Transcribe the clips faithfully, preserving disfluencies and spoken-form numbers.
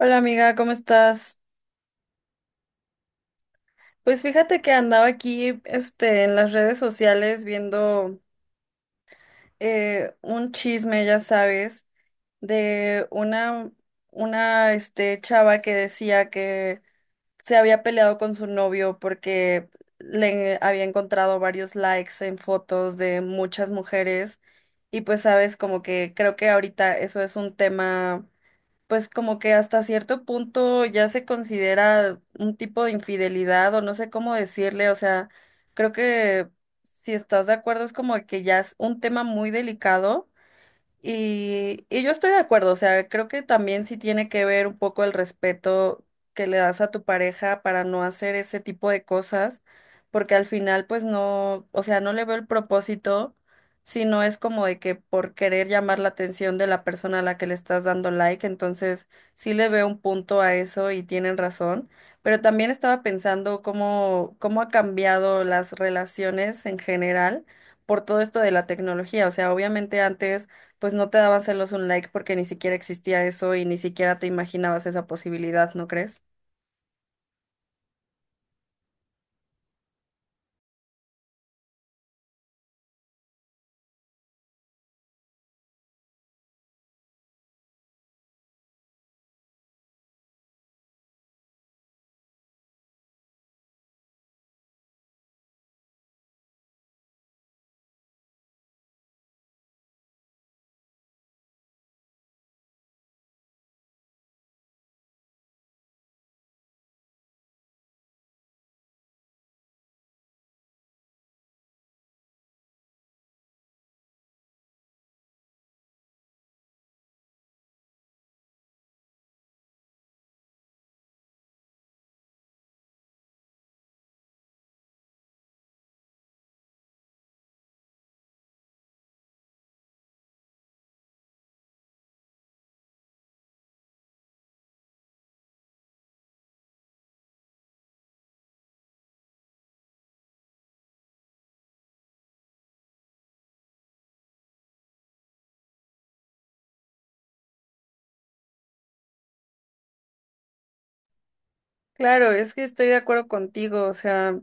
Hola amiga, ¿cómo estás? Pues fíjate que andaba aquí, este, en las redes sociales viendo eh, un chisme, ya sabes, de una, una, este, chava que decía que se había peleado con su novio porque le había encontrado varios likes en fotos de muchas mujeres y pues sabes, como que creo que ahorita eso es un tema pues como que hasta cierto punto ya se considera un tipo de infidelidad o no sé cómo decirle, o sea, creo que si estás de acuerdo es como que ya es un tema muy delicado y, y yo estoy de acuerdo, o sea, creo que también sí tiene que ver un poco el respeto que le das a tu pareja para no hacer ese tipo de cosas, porque al final pues no, o sea, no le veo el propósito, sino es como de que por querer llamar la atención de la persona a la que le estás dando like. Entonces sí le veo un punto a eso y tienen razón, pero también estaba pensando cómo, cómo ha cambiado las relaciones en general por todo esto de la tecnología, o sea, obviamente antes pues no te daban celos un like porque ni siquiera existía eso y ni siquiera te imaginabas esa posibilidad, ¿no crees? Claro, es que estoy de acuerdo contigo, o sea,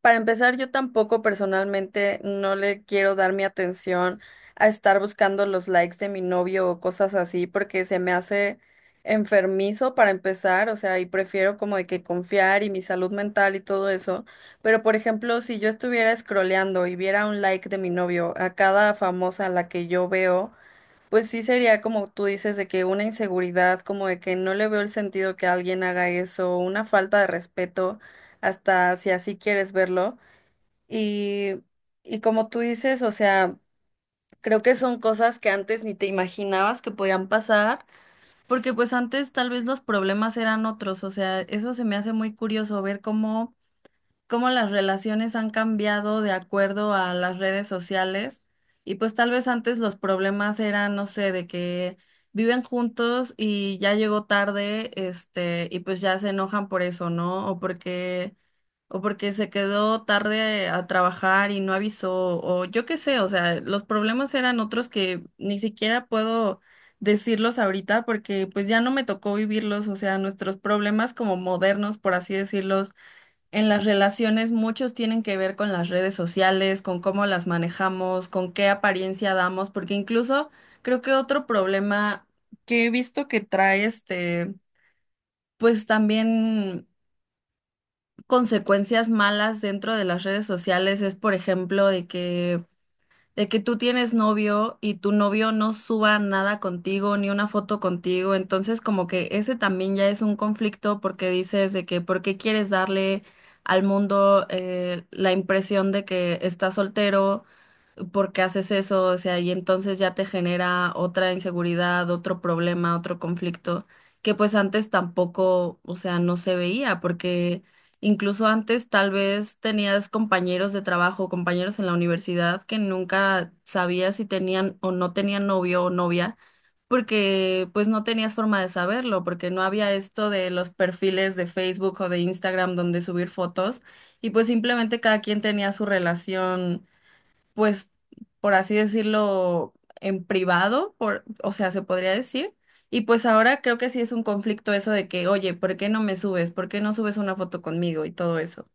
para empezar, yo tampoco personalmente no le quiero dar mi atención a estar buscando los likes de mi novio o cosas así porque se me hace enfermizo para empezar, o sea, y prefiero como de que confiar y mi salud mental y todo eso, pero por ejemplo, si yo estuviera scrolleando y viera un like de mi novio a cada famosa a la que yo veo, pues sí sería como tú dices de que una inseguridad, como de que no le veo el sentido que alguien haga eso, una falta de respeto, hasta si así quieres verlo. Y, y como tú dices, o sea, creo que son cosas que antes ni te imaginabas que podían pasar, porque pues antes tal vez los problemas eran otros, o sea, eso se me hace muy curioso ver cómo cómo las relaciones han cambiado de acuerdo a las redes sociales. Y pues tal vez antes los problemas eran, no sé, de que viven juntos y ya llegó tarde, este, y pues ya se enojan por eso, ¿no? O porque, o porque se quedó tarde a trabajar y no avisó, o yo qué sé, o sea, los problemas eran otros que ni siquiera puedo decirlos ahorita porque pues ya no me tocó vivirlos, o sea, nuestros problemas como modernos, por así decirlos en las relaciones muchos tienen que ver con las redes sociales, con cómo las manejamos, con qué apariencia damos, porque incluso creo que otro problema que he visto que trae este, pues también consecuencias malas dentro de las redes sociales es, por ejemplo, de que de que tú tienes novio y tu novio no suba nada contigo, ni una foto contigo, entonces como que ese también ya es un conflicto porque dices de que por qué quieres darle al mundo eh, la impresión de que estás soltero. ¿Por qué haces eso? O sea, y entonces ya te genera otra inseguridad, otro problema, otro conflicto, que pues antes tampoco, o sea, no se veía, porque incluso antes tal vez tenías compañeros de trabajo, compañeros en la universidad que nunca sabías si tenían o no tenían novio o novia, porque pues no tenías forma de saberlo, porque no había esto de los perfiles de Facebook o de Instagram donde subir fotos, y pues simplemente cada quien tenía su relación pues, por así decirlo, en privado, por, o sea, se podría decir. Y pues ahora creo que sí es un conflicto eso de que, oye, ¿por qué no me subes? ¿Por qué no subes una foto conmigo? Y todo eso.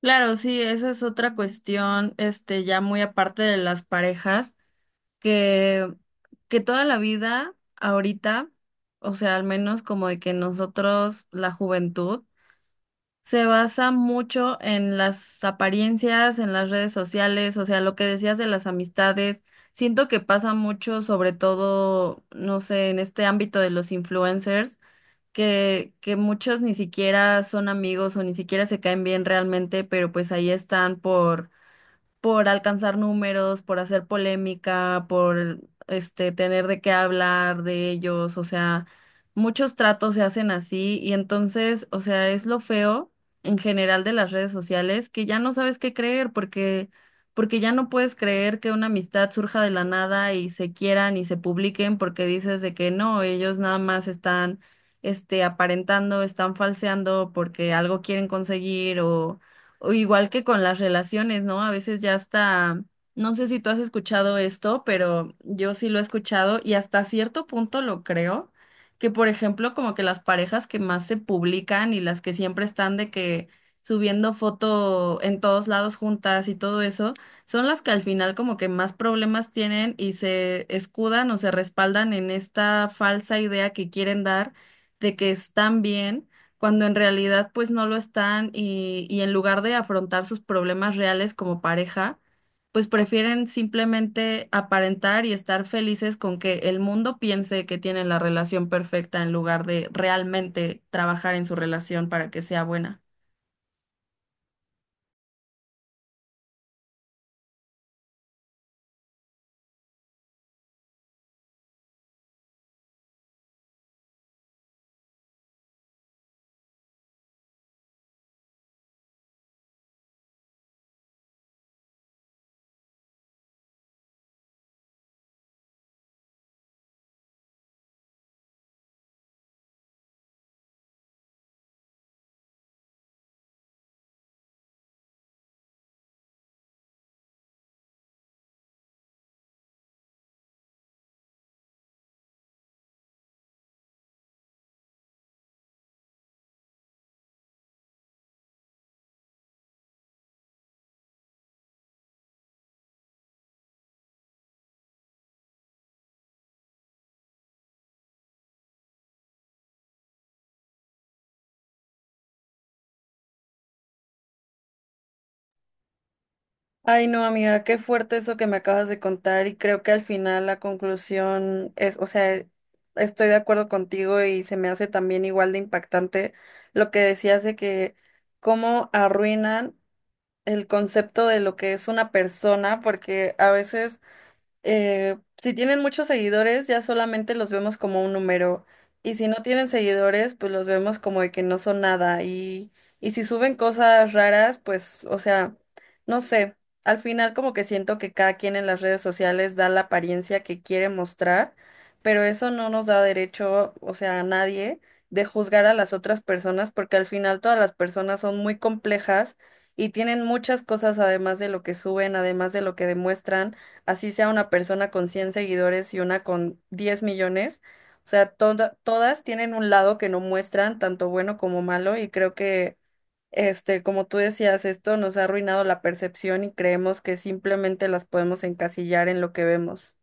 Claro, sí, esa es otra cuestión, este, ya muy aparte de las parejas, que, que toda la vida, ahorita, o sea, al menos como de que nosotros, la juventud, se basa mucho en las apariencias, en las redes sociales, o sea, lo que decías de las amistades. Siento que pasa mucho, sobre todo, no sé, en este ámbito de los influencers, que, que muchos ni siquiera son amigos o ni siquiera se caen bien realmente, pero pues ahí están por alcanzar números, por hacer polémica, por este tener de qué hablar de ellos, o sea, muchos tratos se hacen así y entonces, o sea, es lo feo en general de las redes sociales que ya no sabes qué creer porque porque ya no puedes creer que una amistad surja de la nada y se quieran y se publiquen porque dices de que no, ellos nada más están este aparentando, están falseando porque algo quieren conseguir o igual que con las relaciones, ¿no? A veces ya hasta, no sé si tú has escuchado esto, pero yo sí lo he escuchado y hasta cierto punto lo creo, que por ejemplo como que las parejas que más se publican y las que siempre están de que subiendo foto en todos lados juntas y todo eso, son las que al final como que más problemas tienen y se escudan o se respaldan en esta falsa idea que quieren dar de que están bien cuando en realidad pues no lo están y, y en lugar de afrontar sus problemas reales como pareja, pues prefieren simplemente aparentar y estar felices con que el mundo piense que tienen la relación perfecta en lugar de realmente trabajar en su relación para que sea buena. Ay, no, amiga, qué fuerte eso que me acabas de contar y creo que al final la conclusión es, o sea, estoy de acuerdo contigo y se me hace también igual de impactante lo que decías de que cómo arruinan el concepto de lo que es una persona, porque a veces eh, si tienen muchos seguidores, ya solamente los vemos como un número. Y si no tienen seguidores, pues los vemos como de que no son nada. Y, y si suben cosas raras, pues, o sea, no sé. Al final como que siento que cada quien en las redes sociales da la apariencia que quiere mostrar, pero eso no nos da derecho, o sea, a nadie, de juzgar a las otras personas, porque al final todas las personas son muy complejas y tienen muchas cosas además de lo que suben, además de lo que demuestran así sea una persona con cien seguidores y una con diez millones, o sea, toda- todas tienen un lado que no muestran, tanto bueno como malo, y creo que, este, como tú decías, esto nos ha arruinado la percepción y creemos que simplemente las podemos encasillar en lo que vemos.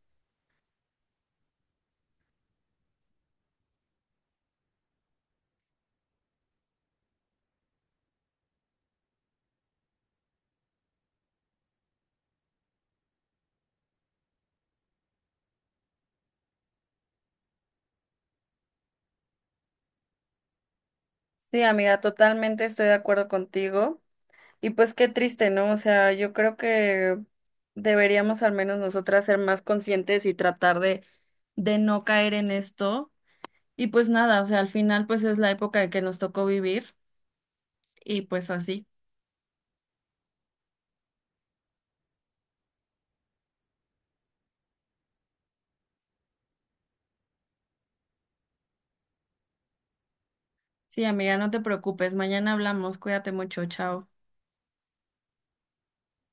Sí, amiga, totalmente estoy de acuerdo contigo. Y pues qué triste, ¿no? O sea, yo creo que deberíamos al menos nosotras ser más conscientes y tratar de, de no caer en esto. Y pues nada, o sea, al final pues es la época que nos tocó vivir y pues así. Sí, amiga, no te preocupes, mañana hablamos, cuídate mucho, chao.